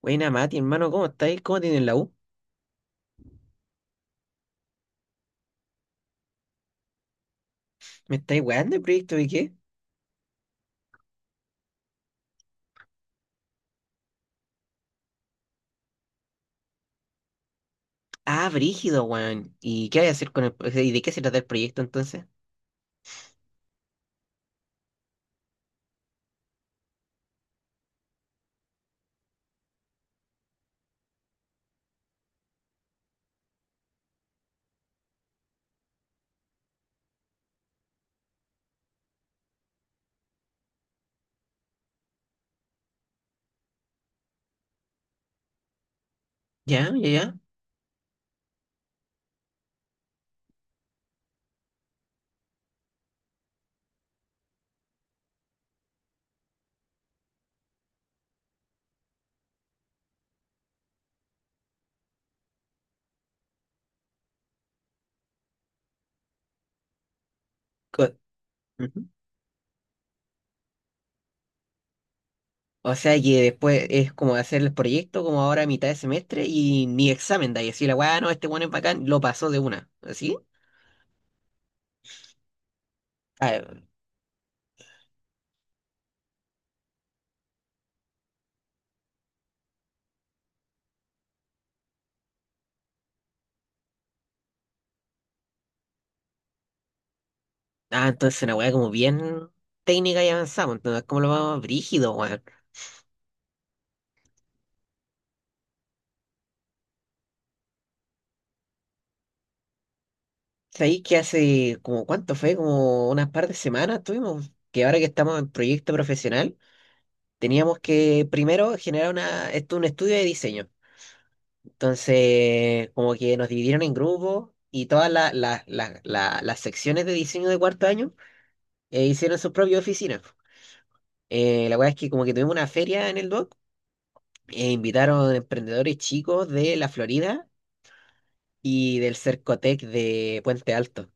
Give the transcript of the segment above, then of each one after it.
Buena, Mati, hermano, ¿cómo estáis? ¿Cómo tienen la U? ¿Me estáis weando el proyecto de qué? Ah, brígido, weón. ¿Y qué hay a hacer con ¿Y de qué se trata el proyecto entonces? Ya, ya, ya. Co- Ujú. O sea que después es como hacer el proyecto como ahora a mitad de semestre y ni examen da y así la weá, no, este weón es bacán, lo pasó de una. ¿Así? Ah, ah, entonces una weá como bien técnica y avanzamos, entonces cómo lo vamos brígido, weón. ¿Sabéis que hace como cuánto fue? Como unas par de semanas tuvimos, que ahora que estamos en proyecto profesional. Teníamos que primero generar una, esto, un estudio de diseño. Entonces, como que nos dividieron en grupos y todas las secciones de diseño de cuarto año hicieron sus propias oficinas. La verdad es que como que tuvimos una feria en el DOC e invitaron emprendedores chicos de la Florida y del Cercotec de Puente Alto.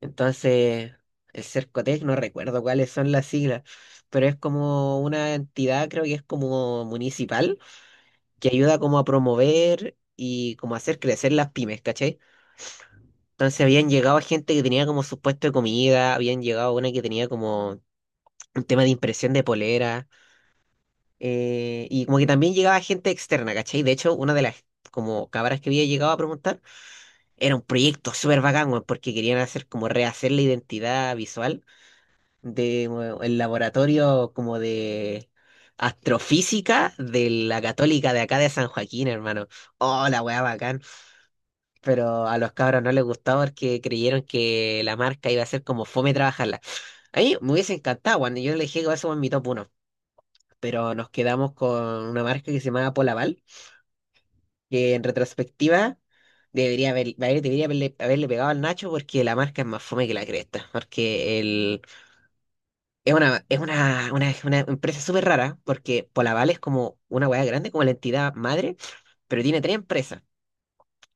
Entonces, el Cercotec, no recuerdo cuáles son las siglas, pero es como una entidad, creo que es como municipal que ayuda como a promover y como a hacer crecer las pymes, ¿cachai? Entonces habían llegado gente que tenía como su puesto de comida, habían llegado una que tenía como un tema de impresión de polera, y como que también llegaba gente externa, ¿cachai? De hecho, una de las como cabras que había llegado a preguntar era un proyecto súper bacán, weón, porque querían hacer como rehacer la identidad visual de bueno, el laboratorio como de astrofísica de la Católica de acá de San Joaquín, hermano. Oh, la weá bacán. Pero a los cabros no les gustaba porque creyeron que la marca iba a ser como fome trabajarla. A mí me hubiese encantado cuando yo le dije que eso en mi top uno pero nos quedamos con una marca que se llamaba Polaval, que en retrospectiva debería haberle pegado al Nacho porque la marca es más fome que la cresta, porque es una, una empresa súper rara, porque Polaval es como una hueá grande, como la entidad madre, pero tiene tres empresas.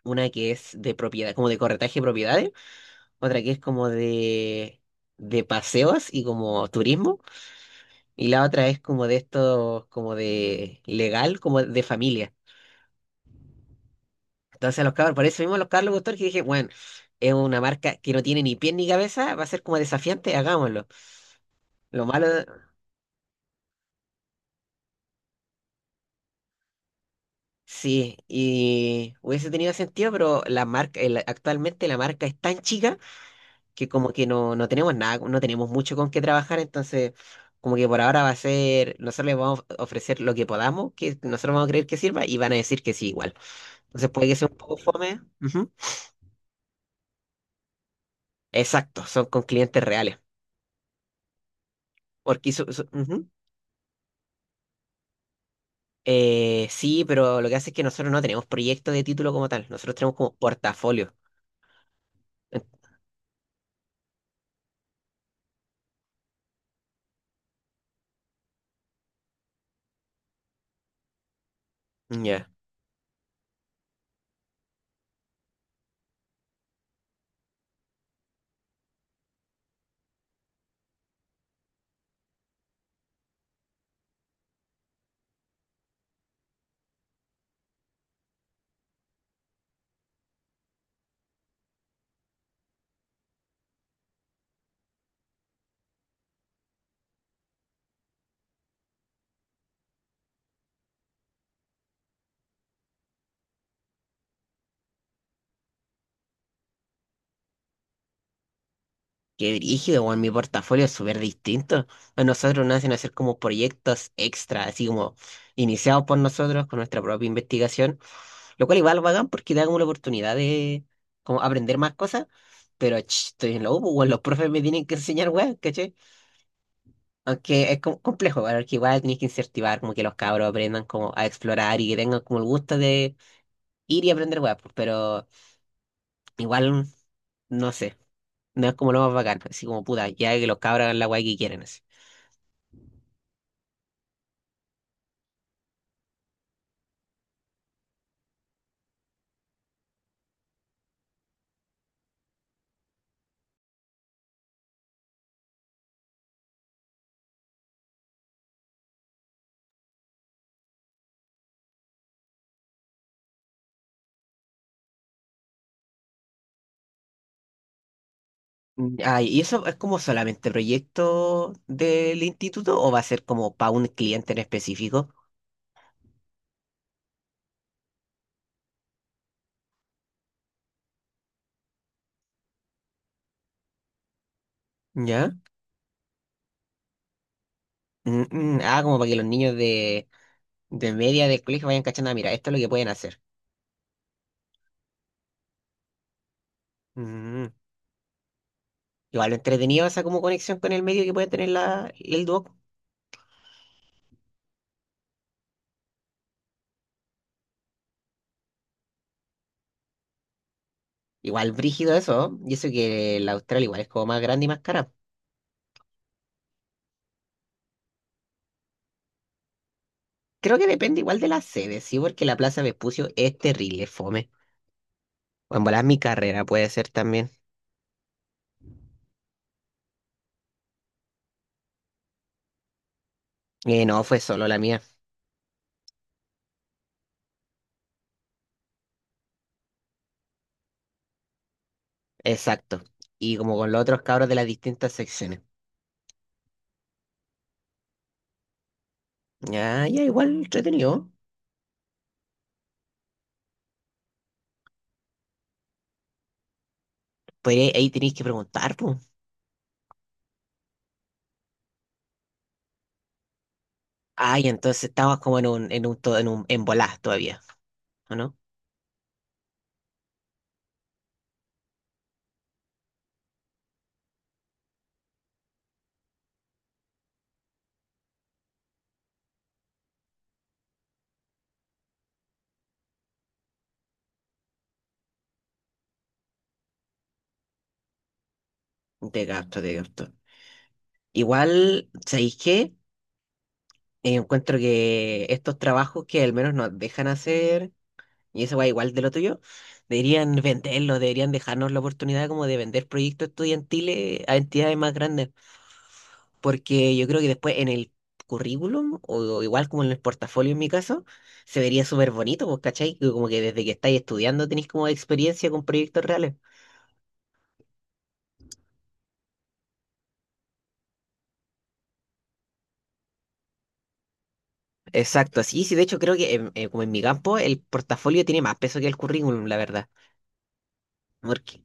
Una que es de propiedad, como de corretaje de propiedades, otra que es como de paseos y como turismo, y la otra es como de esto, como de legal, como de familia. Entonces a los cabros, por eso mismo a los Carlos Guttor que dije, bueno, es una marca que no tiene ni pies ni cabeza, va a ser como desafiante, hagámoslo. Lo malo, sí, y hubiese tenido sentido, pero la marca, el- actualmente la marca es tan chica que como que no, no tenemos nada, no tenemos mucho con qué trabajar, entonces como que por ahora va a ser, nosotros les vamos a ofrecer lo que podamos, que nosotros vamos a creer que sirva y van a decir que sí igual. Entonces puede que sea un poco fome. Ujú. Exacto, son con clientes reales. Porque ujú. Sí, pero lo que hace es que nosotros no tenemos proyectos de título como tal, nosotros tenemos como portafolio. En- Ya. Qué brígido, weón. Mi portafolio es súper distinto. A nosotros nos hacen hacer como proyectos extra, así como iniciados por nosotros con nuestra propia investigación, lo cual igual bacán porque da como la oportunidad de como aprender más cosas, pero ch, estoy en la U, pues, weón, los profes me tienen que enseñar, weón, ¿cachai? Aunque es como complejo, weón, porque igual tienes que incentivar como que los cabros aprendan como a explorar y que tengan como el gusto de ir y aprender, weón, pues, pero igual, no sé, no es como lo más bacán, así como puta, ya que los cabros hagan la weá que quieren, así. Mm, ah, ¿y eso es como solamente proyecto del instituto o va a ser como para un cliente en específico? ¿Ya? Mm, mm, ah, como para que los niños de media del colegio vayan cachando, "Ah, mira, esto es lo que pueden hacer". Mm, igual entretenido esa como conexión con el medio que puede tener la, el Duoc. Igual brígido eso, ¿no? Y eso que la Austral igual es como más grande y más cara. Creo que depende igual de la sede, ¿sí? Porque la Plaza Vespucio es terrible, fome. O en volar mi carrera puede ser también. No, fue solo la mía. Exacto. Y como con los otros cabros de las distintas secciones. Ya, ya, igual entretenido. Pues ahí tenéis que preguntar, pues. Ay, entonces estabas como en un, to- en un, en volás todavía, ¿o no? De gasto, de gasto. Igual, ¿sabéis qué? Encuentro que estos trabajos que al menos nos dejan hacer, y eso va igual de lo tuyo, deberían venderlos, deberían dejarnos la oportunidad como de vender proyectos estudiantiles a entidades más grandes, porque yo creo que después en el currículum, o igual como en el portafolio en mi caso, se vería súper bonito, pues, ¿cachai? Que como que desde que estáis estudiando tenéis como experiencia con proyectos reales. Exacto, sí, sí, de hecho creo que en- como en mi campo el portafolio tiene más peso que el currículum, la verdad. Porque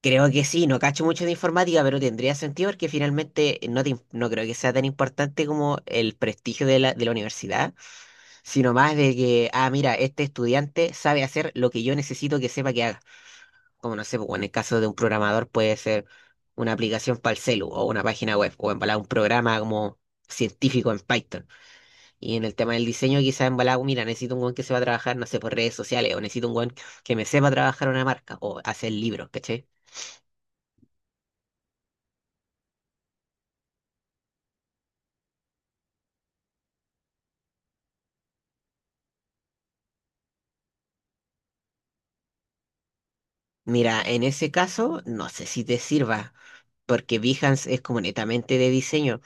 creo que sí, no cacho mucho de informática, pero tendría sentido porque finalmente no, te im- no creo que sea tan importante como el prestigio de la universidad, sino más de que, ah, mira, este estudiante sabe hacer lo que yo necesito que sepa que haga. Como no sé, pues, bueno, en el caso de un programador puede ser una aplicación para el celu o una página web o embalar un programa como científico en Python. Y en el tema del diseño quizás embalar, mira, necesito un weón que sepa trabajar, no sé, por redes sociales o necesito un weón que me sepa trabajar una marca o hacer libros, ¿cachai? Mira, en ese caso no sé si te sirva. Porque Behance es como netamente de diseño,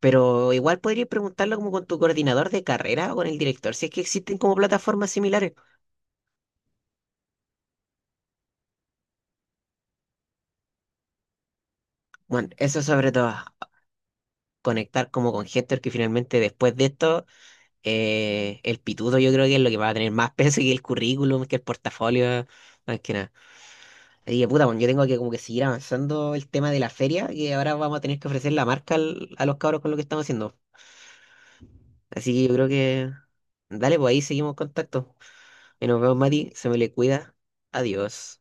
pero igual podrías preguntarlo como con tu coordinador de carrera o con el director, si es que existen como plataformas similares. Bueno, eso sobre todo. Conectar como con Hector, que finalmente después de esto, el pituto yo creo que es lo que va a tener más peso que el currículum, que el portafolio, más que nada. Así que puta, bueno, yo tengo que como que seguir avanzando el tema de la feria, que ahora vamos a tener que ofrecer la marca al- a los cabros con lo que estamos haciendo. Así que yo creo que, dale, pues ahí seguimos en contacto. Y nos vemos, Mati, se me le cuida. Adiós.